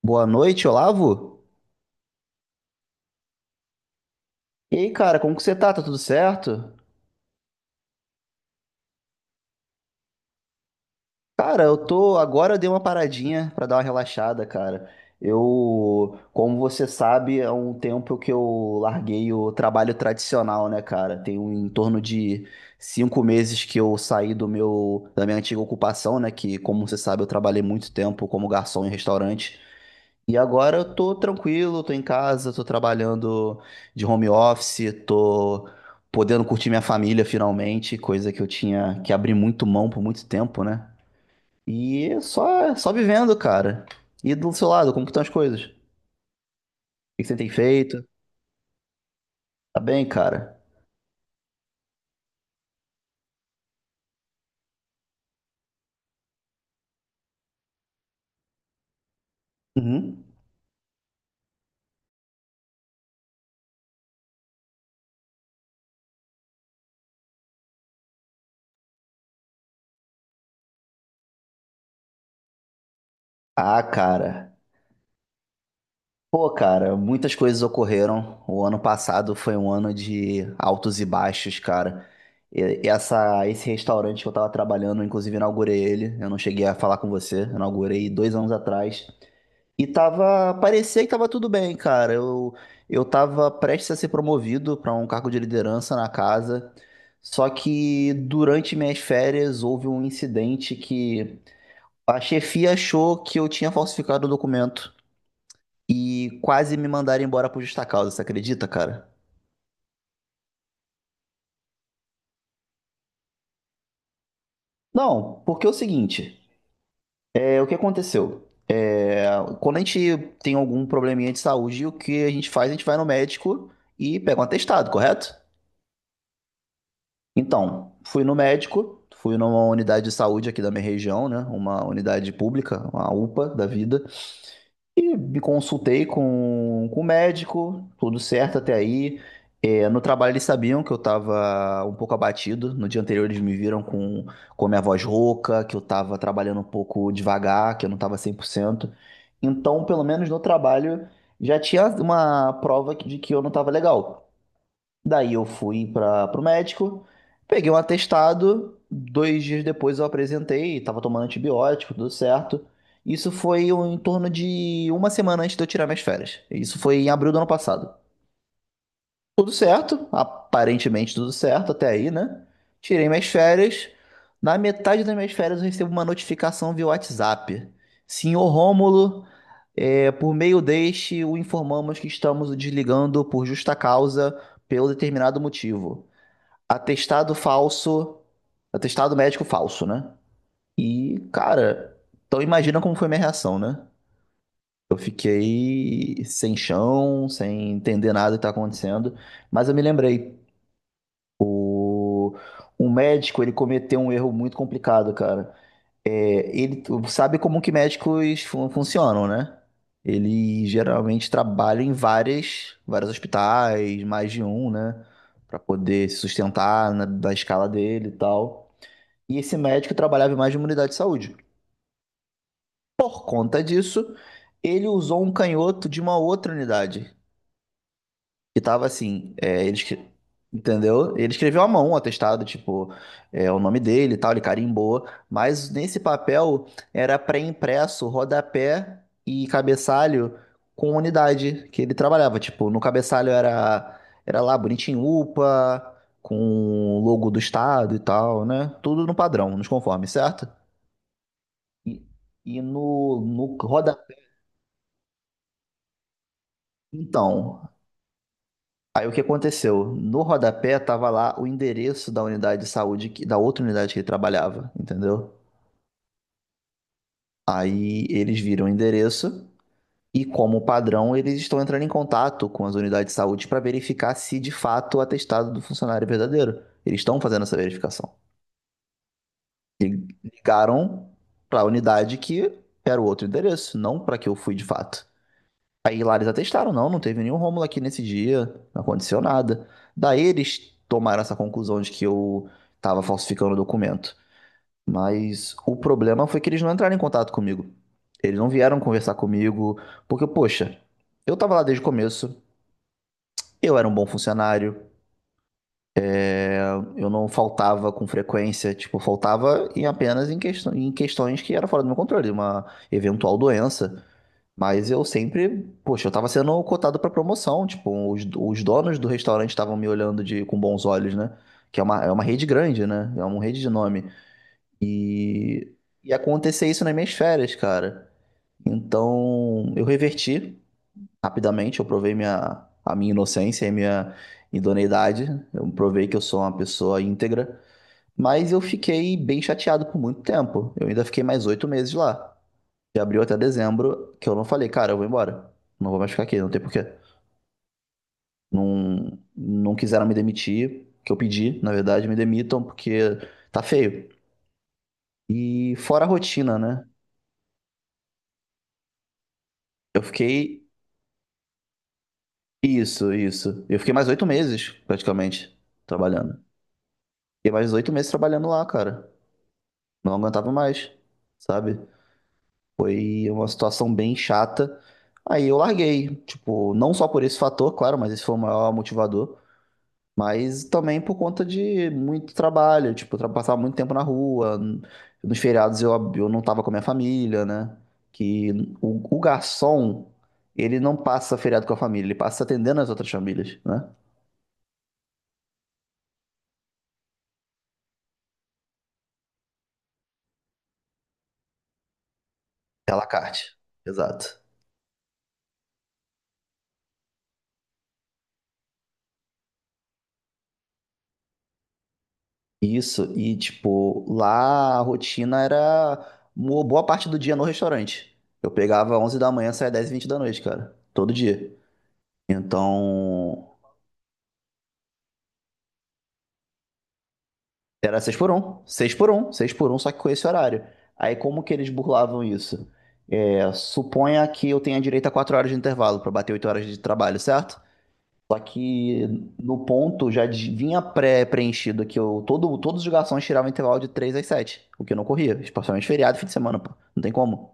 Boa noite, Olavo. E aí, cara, como que você tá? Tá tudo certo? Cara, eu tô. Agora eu dei uma paradinha pra dar uma relaxada, cara. Eu, como você sabe, há um tempo que eu larguei o trabalho tradicional, né, cara? Tem em torno de 5 meses que eu saí da minha antiga ocupação, né? Que, como você sabe, eu trabalhei muito tempo como garçom em restaurante. E agora eu tô tranquilo, tô em casa, tô trabalhando de home office, tô podendo curtir minha família finalmente, coisa que eu tinha que abrir muito mão por muito tempo, né? E só, só vivendo, cara. E do seu lado, como que estão as coisas? O que que você tem feito? Tá bem, cara? Uhum. Ah, cara. Pô, cara, muitas coisas ocorreram. O ano passado foi um ano de altos e baixos, cara. Esse restaurante que eu tava trabalhando, eu inclusive inaugurei ele. Eu não cheguei a falar com você, eu inaugurei 2 anos atrás. E tava, parecia que tava tudo bem, cara. Eu tava prestes a ser promovido para um cargo de liderança na casa. Só que durante minhas férias houve um incidente que a chefia achou que eu tinha falsificado o documento e quase me mandaram embora por justa causa, você acredita, cara? Não, porque é o seguinte. É, o que aconteceu? É, quando a gente tem algum probleminha de saúde, o que a gente faz? A gente vai no médico e pega um atestado, correto? Então, fui no médico, fui numa unidade de saúde aqui da minha região, né? Uma unidade pública, uma UPA da vida. E me consultei com o médico, tudo certo até aí. É, no trabalho eles sabiam que eu estava um pouco abatido. No dia anterior eles me viram com a minha voz rouca, que eu estava trabalhando um pouco devagar, que eu não estava 100%. Então, pelo menos no trabalho, já tinha uma prova de que eu não estava legal. Daí eu fui para o médico, peguei um atestado, 2 dias depois eu apresentei, estava tomando antibiótico, tudo certo. Isso foi em torno de uma semana antes de eu tirar minhas férias. Isso foi em abril do ano passado. Tudo certo, aparentemente tudo certo até aí, né? Tirei minhas férias. Na metade das minhas férias eu recebo uma notificação via WhatsApp. Senhor Rômulo, é, por meio deste o informamos que estamos o desligando por justa causa, pelo determinado motivo. Atestado falso. Atestado médico falso, né? E, cara, então imagina como foi minha reação, né? Eu fiquei sem chão, sem entender nada que tá acontecendo. Mas eu me lembrei, o, um médico, ele cometeu um erro muito complicado, cara. É, ele sabe como que médicos funcionam, né? Ele geralmente trabalha em vários hospitais, mais de um, né? Pra poder se sustentar da escala dele e tal. E esse médico trabalhava em mais de uma unidade de saúde. Por conta disso, ele usou um canhoto de uma outra unidade. Que tava assim, entendeu? Ele escreveu à mão o atestado, tipo, o nome dele e tal, ele carimbou. Mas nesse papel era pré-impresso, rodapé e cabeçalho com unidade que ele trabalhava. Tipo, no cabeçalho era lá, bonitinho, UPA, com o logo do estado e tal, né? Tudo no padrão, nos conformes, certo? E, e no rodapé. Então, aí o que aconteceu? No rodapé tava lá o endereço da unidade de saúde, da outra unidade que ele trabalhava, entendeu? Aí eles viram o endereço e, como padrão, eles estão entrando em contato com as unidades de saúde para verificar se de fato o atestado do funcionário é verdadeiro. Eles estão fazendo essa verificação. Ligaram para a unidade que era o outro endereço, não para que eu fui de fato. Aí lá eles atestaram, não, não teve nenhum Rômulo aqui nesse dia, não aconteceu nada. Daí eles tomaram essa conclusão de que eu tava falsificando o documento. Mas o problema foi que eles não entraram em contato comigo. Eles não vieram conversar comigo, porque, poxa, eu tava lá desde o começo, eu era um bom funcionário, é, eu não faltava com frequência, tipo, faltava em apenas em questões que eram fora do meu controle, uma eventual doença. Mas eu sempre, poxa, eu tava sendo cotado pra promoção, tipo, os donos do restaurante estavam me olhando com bons olhos, né? Que é uma rede grande, né? É uma rede de nome. E, e acontecer isso nas minhas férias, cara. Então, eu reverti rapidamente, eu provei a minha inocência e minha idoneidade, eu provei que eu sou uma pessoa íntegra, mas eu fiquei bem chateado por muito tempo. Eu ainda fiquei mais 8 meses lá, de abril até dezembro, que eu não falei, cara, eu vou embora. Não vou mais ficar aqui, não tem porquê. Não, não quiseram me demitir, que eu pedi, na verdade, me demitam, porque tá feio. E fora a rotina, né? Eu fiquei. Isso, isso. Eu fiquei mais 8 meses, praticamente, trabalhando. Fiquei mais oito meses trabalhando lá, cara. Não aguentava mais, sabe? Foi uma situação bem chata. Aí eu larguei. Tipo, não só por esse fator, claro, mas esse foi o maior motivador. Mas também por conta de muito trabalho, tipo, passava muito tempo na rua. Nos feriados eu não estava com a minha família, né? Que o garçom, ele não passa feriado com a família, ele passa atendendo as outras famílias, né? É à la carte. Exato. Isso, e tipo, lá a rotina era uma boa parte do dia no restaurante. Eu pegava 11h da manhã, saía 22h20, cara. Todo dia. Então, era seis por um, seis por um, seis por um, só que com esse horário. Aí como que eles burlavam isso? É, suponha que eu tenha direito a 4 horas de intervalo para bater 8 horas de trabalho, certo? Só que no ponto já vinha pré-preenchido que todos os garçons tiravam intervalo de 3 às 7, o que não corria, especialmente feriado e fim de semana, pô. Não tem como.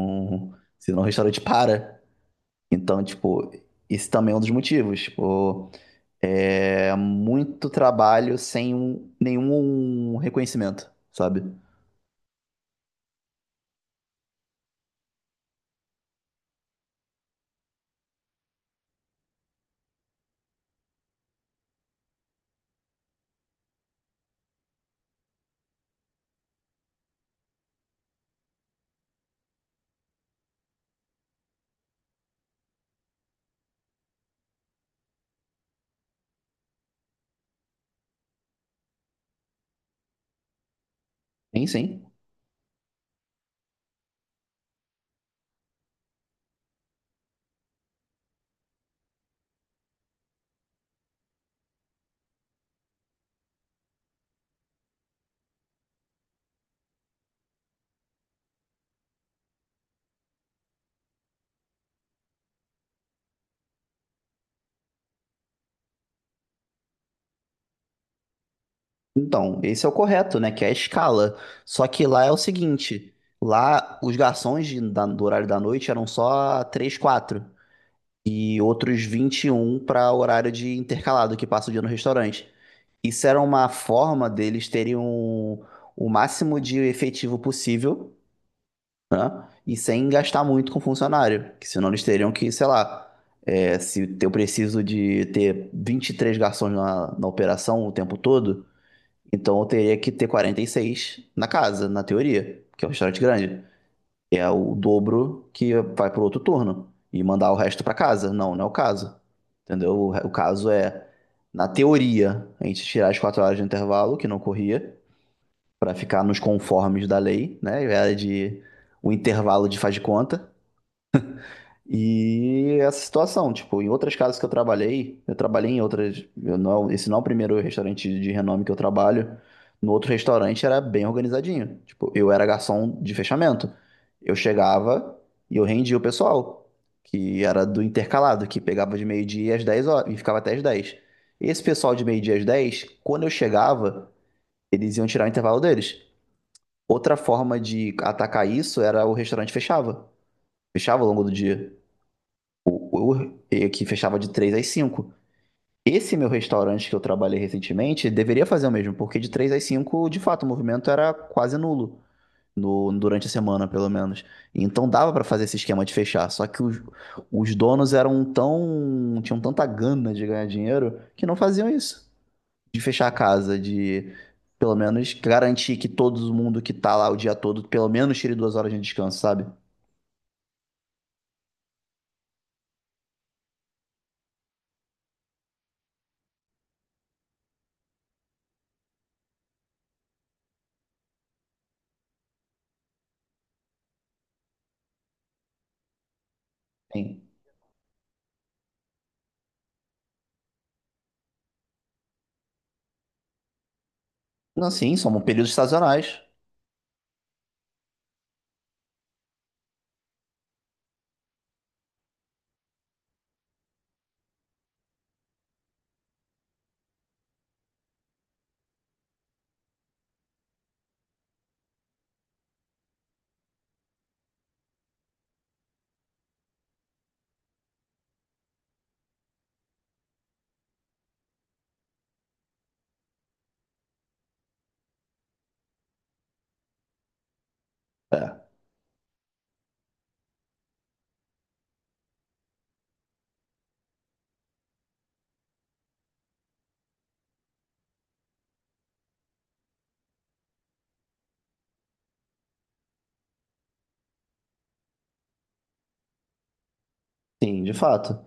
Uhum. Senão o restaurante para. Então, tipo, esse também é um dos motivos. Tipo, é muito trabalho sem nenhum reconhecimento, sabe? Sim, sim. Então, esse é o correto, né? Que é a escala. Só que lá é o seguinte: lá os garçons do horário da noite eram só 3, quatro. E outros 21 para horário de intercalado, que passa o dia no restaurante. Isso era uma forma deles terem o máximo de efetivo possível, né? E sem gastar muito com funcionário. Que senão eles teriam que, sei lá. É, se eu preciso de ter 23 garçons na operação o tempo todo, então eu teria que ter 46 na casa, na teoria, que é um restaurante grande. É o dobro que vai pro outro turno e mandar o resto pra casa. Não, não é o caso. Entendeu? O caso é, na teoria, a gente tirar as 4 horas de intervalo, que não corria, pra ficar nos conformes da lei, né? Era de o intervalo de faz de conta. E essa situação, tipo, em outras casas que eu trabalhei em outras, eu não, esse não é o primeiro restaurante de renome que eu trabalho. No outro restaurante era bem organizadinho. Tipo, eu era garçom de fechamento. Eu chegava e eu rendia o pessoal, que era do intercalado, que pegava de meio-dia às 10 horas e ficava até às dez. Esse pessoal de meio-dia às 10, quando eu chegava, eles iam tirar o intervalo deles. Outra forma de atacar isso era o restaurante fechava. Fechava ao longo do dia. E que fechava de 3 às 5. Esse meu restaurante que eu trabalhei recentemente deveria fazer o mesmo, porque de 3 às 5, de fato, o movimento era quase nulo. No, durante a semana, pelo menos. Então dava pra fazer esse esquema de fechar. Só que os donos eram tão. Tinham tanta gana de ganhar dinheiro que não faziam isso. De fechar a casa, de pelo menos garantir que todo mundo que tá lá o dia todo, pelo menos tire 2 horas de descanso, sabe? Sim. Não, sim, são períodos sazonais. É, sim, de fato.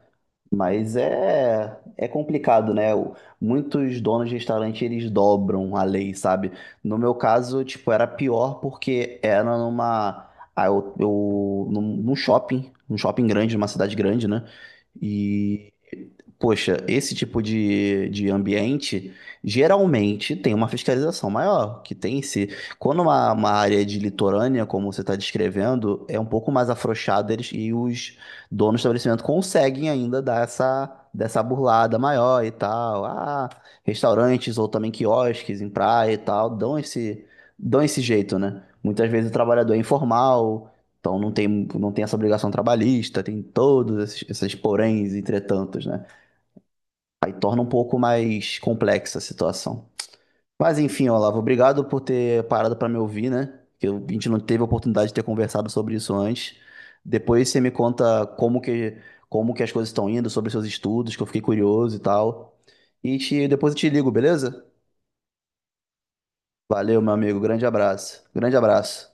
Mas é complicado, né? Muitos donos de restaurante, eles dobram a lei, sabe? No meu caso, tipo, era pior porque era numa... Ah, num shopping grande, numa cidade grande, né? E, poxa, esse tipo de ambiente, geralmente, tem uma fiscalização maior, que tem se... Quando uma área de litorânea, como você está descrevendo, é um pouco mais afrouxada, e os donos do estabelecimento conseguem ainda dar essa dessa burlada maior e tal. Ah, restaurantes ou também quiosques em praia e tal, dão esse jeito, né? Muitas vezes o trabalhador é informal, então não tem essa obrigação trabalhista, tem todos esses poréns e entretantos, né? Aí torna um pouco mais complexa a situação. Mas enfim, Olavo, obrigado por ter parado para me ouvir, né? Que a gente não teve a oportunidade de ter conversado sobre isso antes. Depois você me conta como que as coisas estão indo, sobre seus estudos, que eu fiquei curioso e tal. E depois eu te ligo, beleza? Valeu, meu amigo. Grande abraço. Grande abraço.